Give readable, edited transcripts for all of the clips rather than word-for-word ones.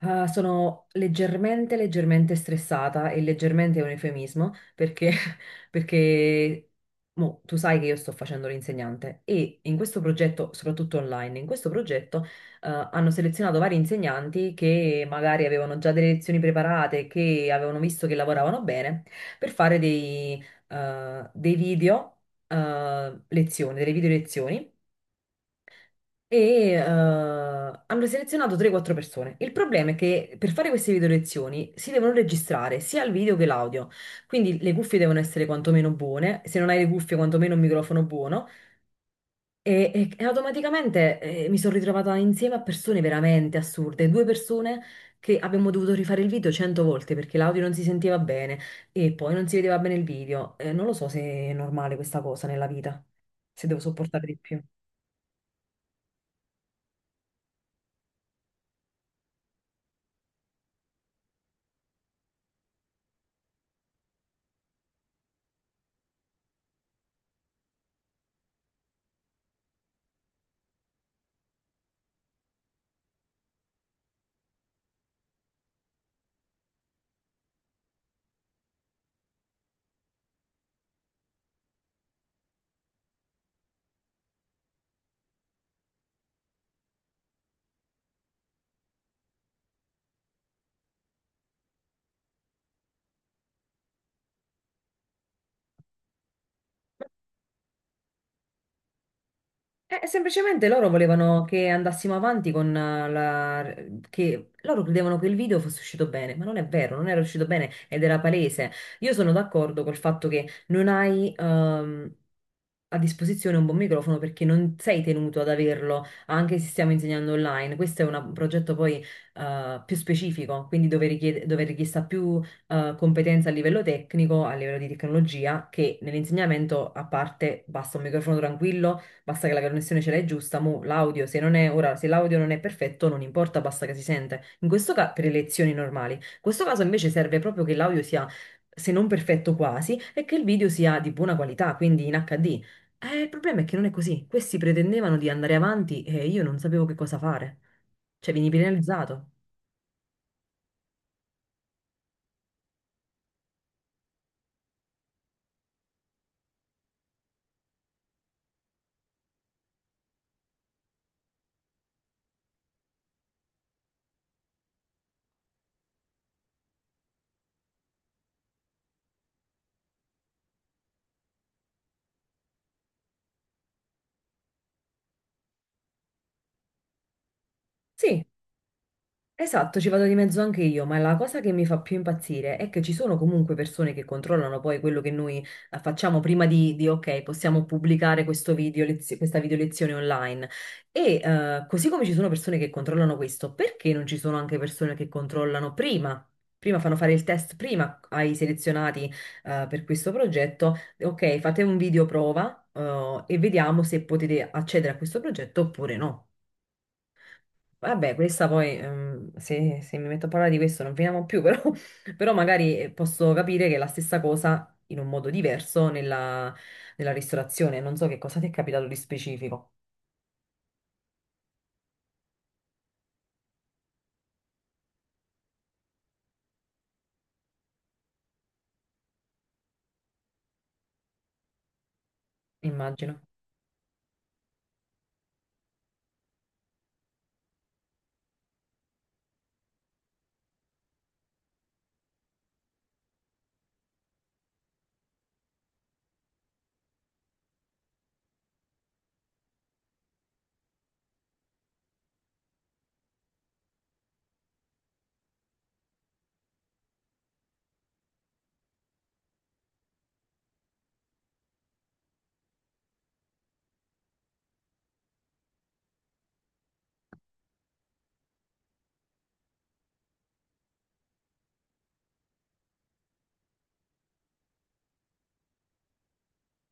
Ah, sono leggermente, leggermente stressata e leggermente è un eufemismo perché, perché mo, tu sai che io sto facendo l'insegnante e in questo progetto, soprattutto online, in questo progetto hanno selezionato vari insegnanti che magari avevano già delle lezioni preparate, che avevano visto che lavoravano bene, per fare eh, dei video delle video lezioni e hanno selezionato 3-4 persone. Il problema è che per fare queste video lezioni si devono registrare sia il video che l'audio, quindi le cuffie devono essere quantomeno buone, se non hai le cuffie quantomeno un microfono buono e, e automaticamente mi sono ritrovata insieme a persone veramente assurde, due persone che abbiamo dovuto rifare il video cento volte perché l'audio non si sentiva bene e poi non si vedeva bene il video. Non lo so se è normale questa cosa nella vita, se devo sopportare di più. Semplicemente loro volevano che andassimo avanti che loro credevano che il video fosse uscito bene, ma non è vero, non era uscito bene ed era palese. Io sono d'accordo col fatto che non hai a disposizione un buon microfono perché non sei tenuto ad averlo, anche se stiamo insegnando online. Questo è un progetto poi più specifico, quindi dove, richiede, dove è richiesta più competenza a livello tecnico, a livello di tecnologia, che nell'insegnamento a parte basta un microfono tranquillo. Basta che la connessione ce l'hai giusta, mo l'audio, se non è, ora, se l'audio non è perfetto, non importa, basta che si sente. In questo caso, per le lezioni normali. In questo caso invece serve proprio che l'audio sia, se non perfetto quasi, e che il video sia di buona qualità, quindi in HD. Il problema è che non è così. Questi pretendevano di andare avanti e io non sapevo che cosa fare. Cioè, vieni penalizzato. Sì, esatto, ci vado di mezzo anche io, ma la cosa che mi fa più impazzire è che ci sono comunque persone che controllano poi quello che noi facciamo ok, possiamo pubblicare questa video lezione online. E così come ci sono persone che controllano questo, perché non ci sono anche persone che controllano prima? Prima fanno fare il test prima ai selezionati per questo progetto. Ok, fate un video prova e vediamo se potete accedere a questo progetto oppure no. Vabbè, questa poi, se mi metto a parlare di questo non finiamo più, però, però magari posso capire che è la stessa cosa in un modo diverso nella, ristorazione. Non so che cosa ti è capitato di specifico, immagino.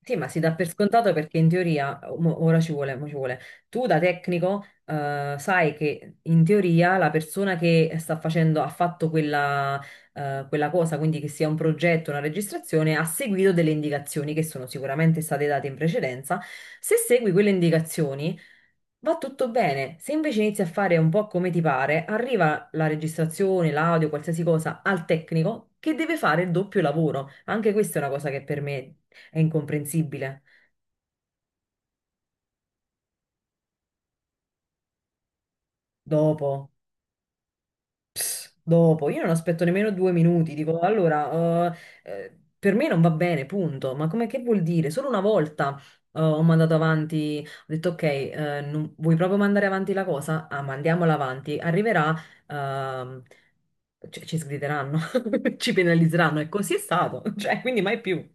Sì, ma si dà per scontato perché in teoria, ora ci vuole, mo ci vuole. Tu da tecnico, sai che in teoria la persona che sta facendo, ha fatto quella cosa, quindi che sia un progetto, una registrazione, ha seguito delle indicazioni che sono sicuramente state date in precedenza. Se segui quelle indicazioni, va tutto bene. Se invece inizi a fare un po' come ti pare, arriva la registrazione, l'audio, qualsiasi cosa al tecnico che deve fare il doppio lavoro. Anche questa è una cosa che per me è incomprensibile. Dopo, dopo, io non aspetto nemmeno due minuti, dico allora, per me non va bene, punto. Ma come che vuol dire? Solo una volta ho mandato avanti, ho detto ok, vuoi proprio mandare avanti la cosa? Ah, mandiamola avanti, arriverà, ehm, cioè, ci sgrideranno, ci penalizzeranno e così è stato, cioè, quindi mai più.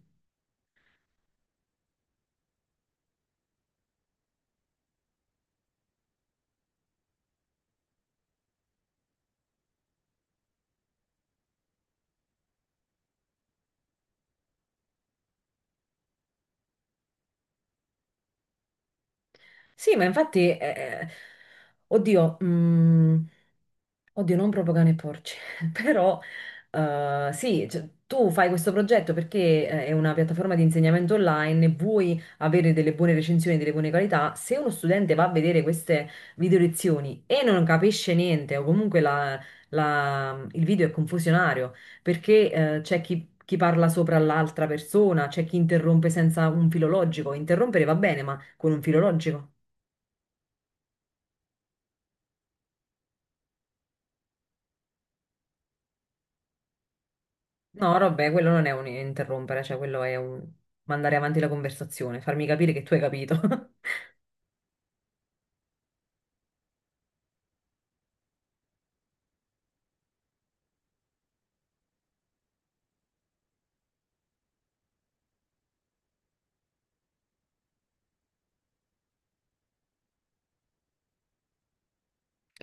Sì, ma infatti, oddio, oddio, non proprio cane e porci, però sì, cioè, tu fai questo progetto perché è una piattaforma di insegnamento online, vuoi avere delle buone recensioni, delle buone qualità. Se uno studente va a vedere queste video lezioni e non capisce niente, o comunque il video è confusionario, perché c'è chi parla sopra l'altra persona, c'è chi interrompe senza un filologico. Interrompere va bene, ma con un filologico. No, vabbè, quello non è un interrompere, cioè quello è un mandare avanti la conversazione, farmi capire che tu hai capito.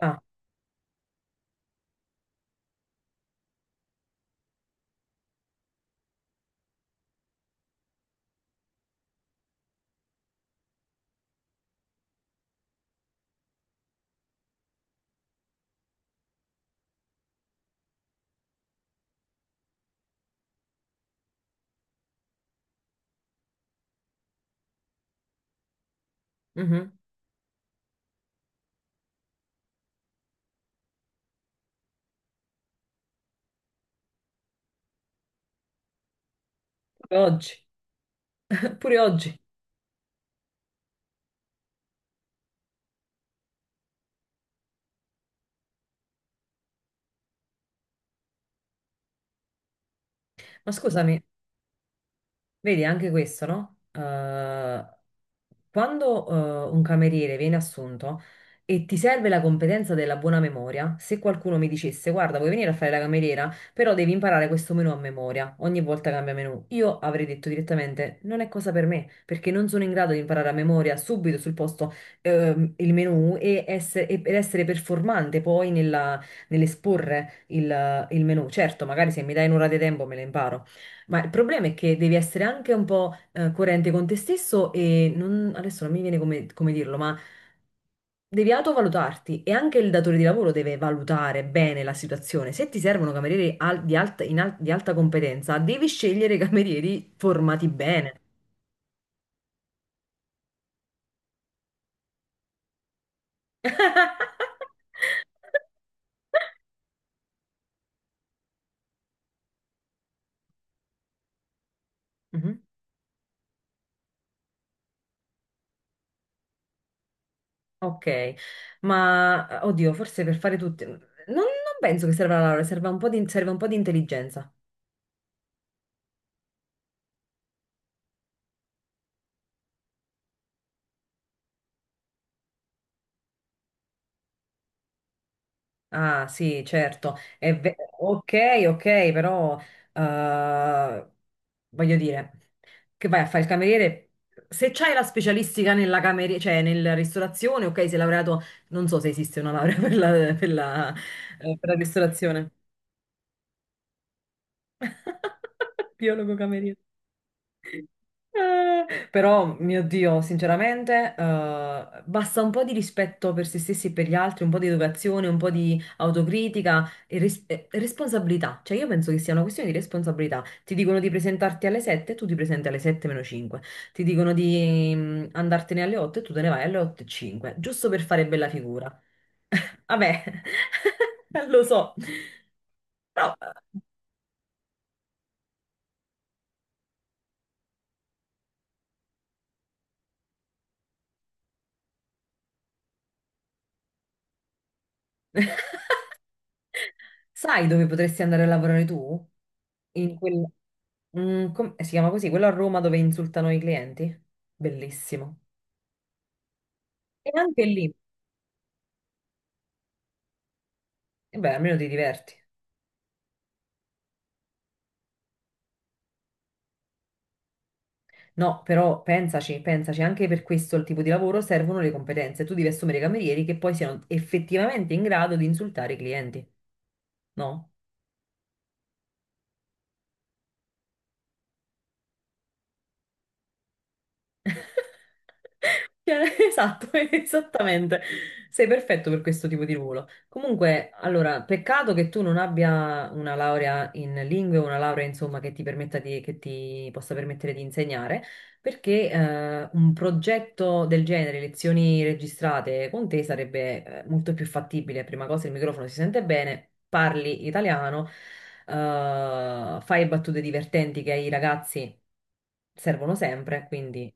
Ah, mhm. Pure oggi, pure oggi. Ma scusami. Vedi, anche questo, no? Quando un cameriere viene assunto e ti serve la competenza della buona memoria, se qualcuno mi dicesse, guarda, vuoi venire a fare la cameriera, però devi imparare questo menù a memoria, ogni volta cambia menù, io avrei detto direttamente, non è cosa per me, perché non sono in grado di imparare a memoria subito sul posto il menù e per essere performante poi nell'esporre il menù. Certo, magari se mi dai un'ora di tempo me lo imparo. Ma il problema è che devi essere anche un po' coerente con te stesso e adesso non mi viene come dirlo, ma devi autovalutarti e anche il datore di lavoro deve valutare bene la situazione. Se ti servono camerieri di alta, in di alta competenza, devi scegliere camerieri formati bene. Mhm. Ok, ma oddio, forse per fare non, non penso che serva la laurea, serva un po' di, serve un po' di intelligenza. Ah, sì, certo. Ok, ok, però eh, voglio dire che vai a fare il cameriere. Se c'hai la specialistica nella cameriera, cioè nella ristorazione, ok, sei laureato, non so se esiste una laurea per la ristorazione. Biologo cameriere. Però, mio Dio, sinceramente, basta un po' di rispetto per se stessi e per gli altri, un po' di educazione, un po' di autocritica e, e responsabilità. Cioè, io penso che sia una questione di responsabilità. Ti dicono di presentarti alle 7 e tu ti presenti alle 7 meno 5. Ti dicono di andartene alle 8 e tu te ne vai alle 8 e 5, giusto per fare bella figura. Vabbè, lo so, però. Sai dove potresti andare a lavorare tu? In si chiama così, quello a Roma dove insultano i clienti? Bellissimo. E anche lì, e beh, almeno ti diverti. No, però pensaci, pensaci, anche per questo il tipo di lavoro servono le competenze. Tu devi assumere i camerieri che poi siano effettivamente in grado di insultare i clienti, no? Cioè, esatto, esattamente. Sei perfetto per questo tipo di ruolo. Comunque, allora, peccato che tu non abbia una laurea in lingue, una laurea, insomma, che ti permetta di, che ti possa permettere di insegnare, perché un progetto del genere, lezioni registrate con te, sarebbe molto più fattibile. Prima cosa, il microfono si sente bene, parli italiano, eh, fai battute divertenti che ai ragazzi servono sempre, quindi.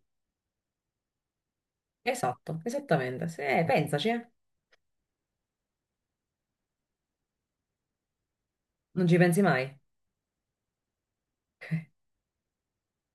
Esatto, esattamente. Pensaci, eh. Non ci pensi mai.